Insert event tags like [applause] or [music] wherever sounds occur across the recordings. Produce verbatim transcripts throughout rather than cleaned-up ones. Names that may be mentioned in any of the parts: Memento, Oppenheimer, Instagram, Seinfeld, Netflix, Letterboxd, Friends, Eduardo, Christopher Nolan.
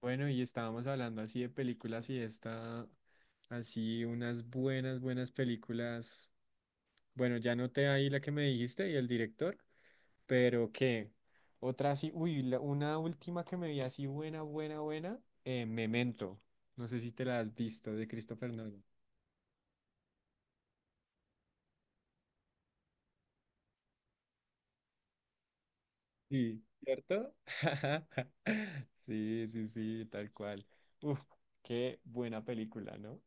Bueno, y estábamos hablando así de películas y esta, así unas buenas, buenas películas. Bueno, ya noté ahí la que me dijiste y el director, pero qué otra así, uy, la- una última que me vi así buena, buena, buena, eh, Memento. No sé si te la has visto de Christopher Nolan. Sí, ¿cierto? [laughs] Sí, sí, sí, tal cual. Uf, qué buena película, ¿no?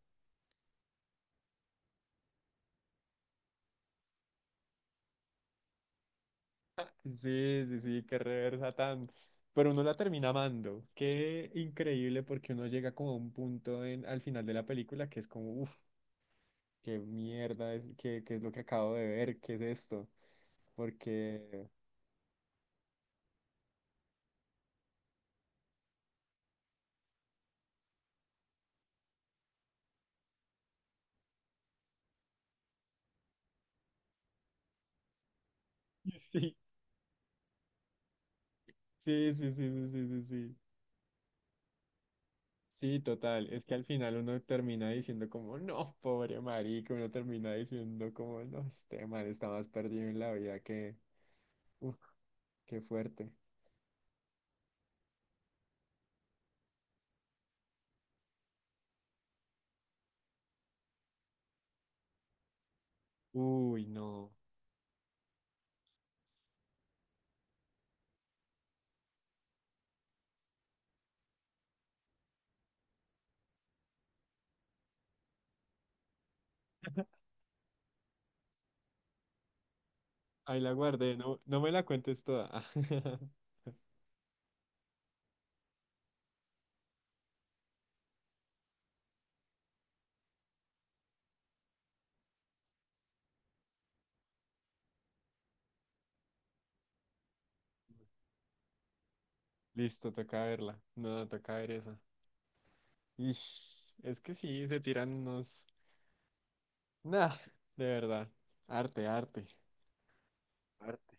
Sí, sí, sí, qué reversa tan. Pero uno la termina amando. Qué increíble porque uno llega como a un punto en, al final de la película que es como, uff, qué mierda es, qué, qué es lo que acabo de ver, qué es esto. Porque [laughs] sí, sí, sí, sí, sí, sí, sí, sí. Sí, total. Es que al final uno termina diciendo como, no, pobre marica, uno termina diciendo como, no, este man está más perdido en la vida que, uff, qué fuerte. Uy, no. Ahí la guardé, no, no me la cuentes toda. [laughs] Listo, toca verla. No, toca ver esa. Ish, es que sí, se tiran unos... Nah, de verdad. Arte, arte. Arte.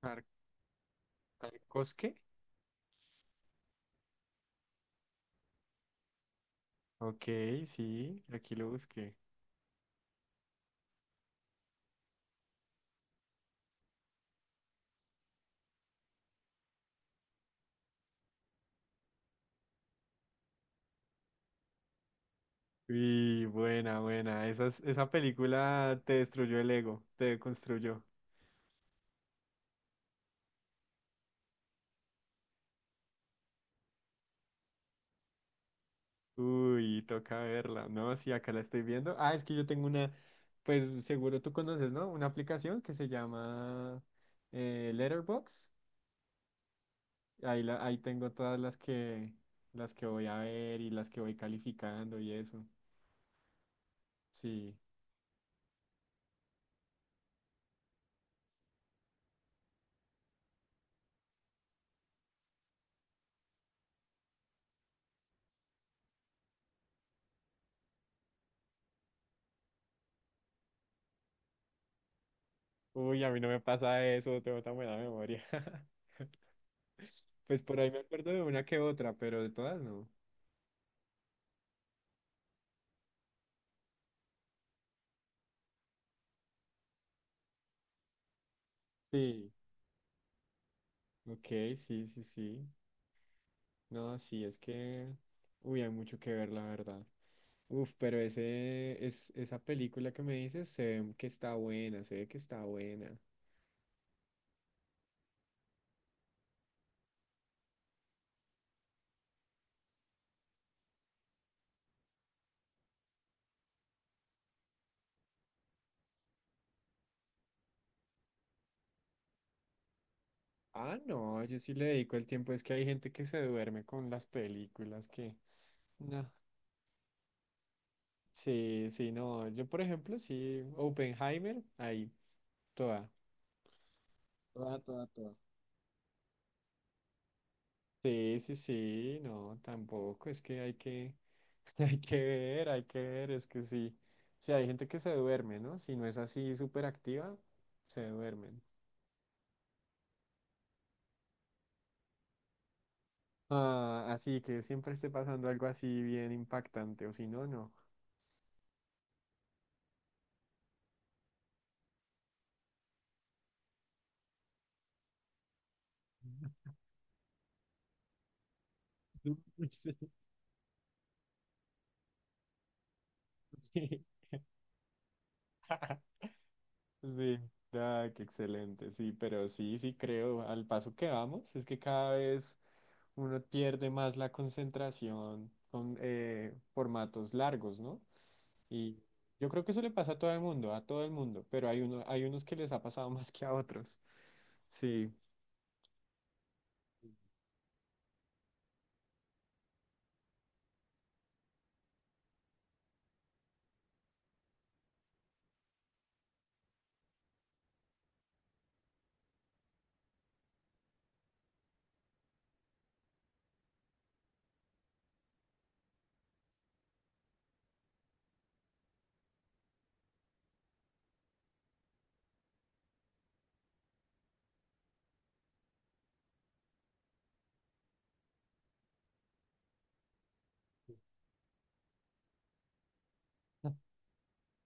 Car- ¿Carcosque? Ok, sí, aquí lo busqué. Y buena, buena. Esa, esa película te destruyó el ego, te construyó. Uy, toca verla. No, sí, acá la estoy viendo. Ah, es que yo tengo una, pues seguro tú conoces, ¿no? Una aplicación que se llama eh, Letterboxd. Ahí la, ahí tengo todas las que, las que voy a ver y las que voy calificando y eso. Sí. Uy, a mí no me pasa eso, tengo tan buena memoria. [laughs] Pues por ahí me acuerdo de una que otra, pero de todas no. Sí, ok, sí, sí, sí. No, sí, es que, uy, hay mucho que ver, la verdad. Uf, pero ese, es, esa película que me dices se ve que está buena, se ve que está buena. Ah, no, yo sí le dedico el tiempo. Es que hay gente que se duerme con las películas que... No. Sí, sí, no. Yo, por ejemplo, sí, Oppenheimer, ahí, toda. Toda, toda, toda. Sí, sí, sí, no, tampoco. Es que hay que, [laughs] hay que ver, hay que ver. Es que sí, sí, hay gente que se duerme, ¿no? Si no es así súper activa, se duermen. Ah, así que siempre esté pasando algo así bien impactante, o si no, no. [laughs] Sí, sí, sí. Ah, qué excelente, sí, pero sí, sí creo, al paso que vamos, es que cada vez uno pierde más la concentración con eh, formatos largos, ¿no? Y yo creo que eso le pasa a todo el mundo, a todo el mundo, pero hay uno, hay unos que les ha pasado [laughs] más que a otros, sí.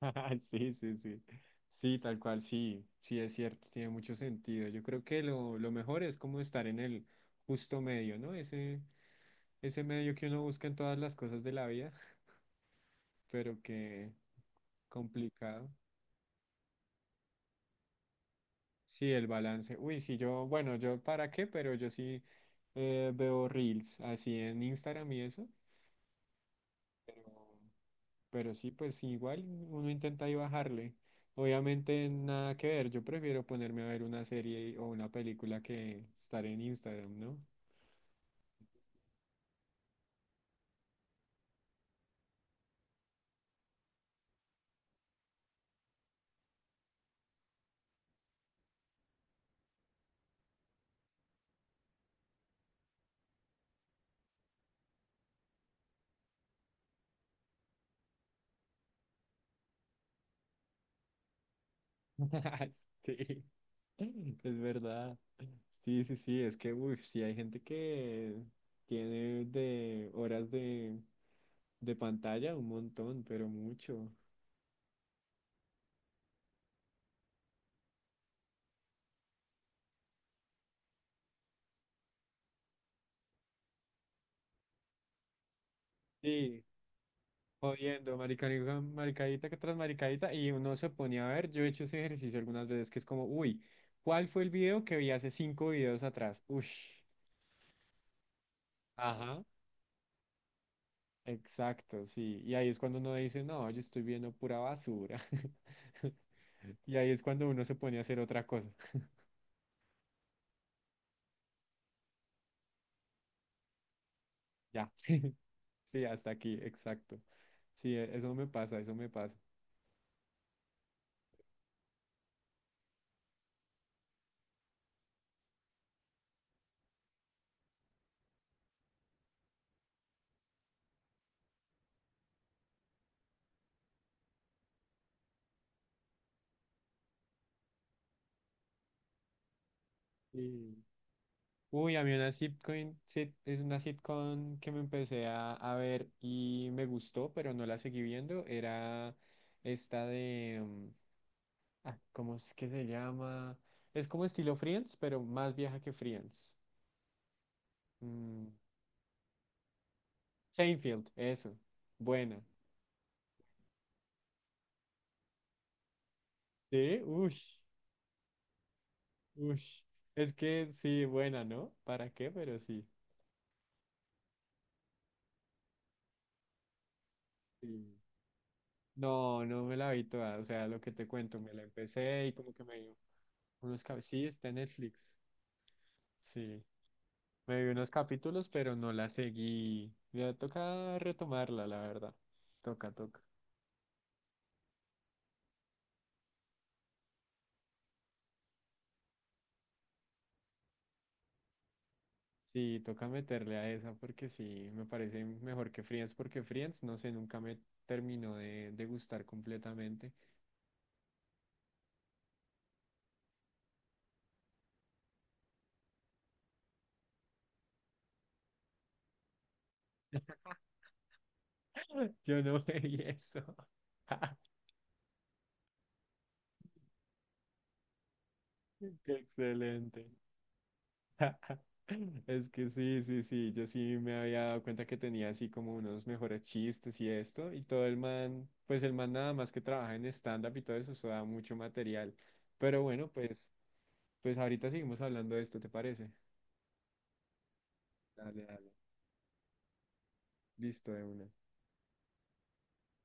[laughs] Sí, sí, sí. Sí, tal cual, sí, sí es cierto, tiene mucho sentido. Yo creo que lo, lo mejor es como estar en el justo medio, ¿no? Ese, ese medio que uno busca en todas las cosas de la vida, [laughs] pero que complicado. Sí, el balance. Uy, sí, yo, bueno, yo para qué, pero yo sí eh, veo reels así en Instagram y eso. pero Pero sí, pues igual uno intenta ahí bajarle. Obviamente nada que ver, yo prefiero ponerme a ver una serie o una película que estar en Instagram, ¿no? [laughs] Sí, es verdad. Sí, sí, sí, es que, uff, sí hay gente que tiene de horas de, de pantalla un montón, pero mucho. Sí, Jodiendo, marica- maricadita que tras maricadita, y uno se ponía a ver, yo he hecho ese ejercicio algunas veces, que es como, uy, ¿cuál fue el video que vi hace cinco videos atrás? Ush, ajá, exacto, sí, y ahí es cuando uno dice, no, yo estoy viendo pura basura, [laughs] y ahí es cuando uno se pone a hacer otra cosa, [laughs] ya, sí, hasta aquí, exacto, sí, e- eso me pasa, eso me pasa. Sí. Uy, a mí una sitcom, sit- es una sitcom que me empecé a, a ver y me gustó, pero no la seguí viendo. Era esta de, mm, ah, ¿cómo es que se llama? Es como estilo Friends, pero más vieja que Friends. Mm, Seinfeld, eso. Buena. Sí, uy, uy. Es que sí, buena, ¿no? ¿Para qué? Pero sí. Sí. No, no me la vi toda. O sea, lo que te cuento, me la empecé y como que me dio unos cabecillos. Sí, está en Netflix. Sí. Me vi unos capítulos, pero no la seguí. Ya toca retomarla, la verdad. Toca, toca. Sí, toca meterle a esa porque sí, me parece mejor que Friends porque Friends, no sé, nunca me terminó de, de gustar completamente. [laughs] Yo no veía eso. [laughs] Qué excelente. [laughs] Es que sí, sí, sí, yo sí me había dado cuenta que tenía así como unos mejores chistes y esto, y todo el man, pues el man nada más que trabaja en stand-up y todo eso, eso da mucho material. Pero bueno, pues, pues ahorita seguimos hablando de esto, ¿te parece? Dale, dale. Listo, de una.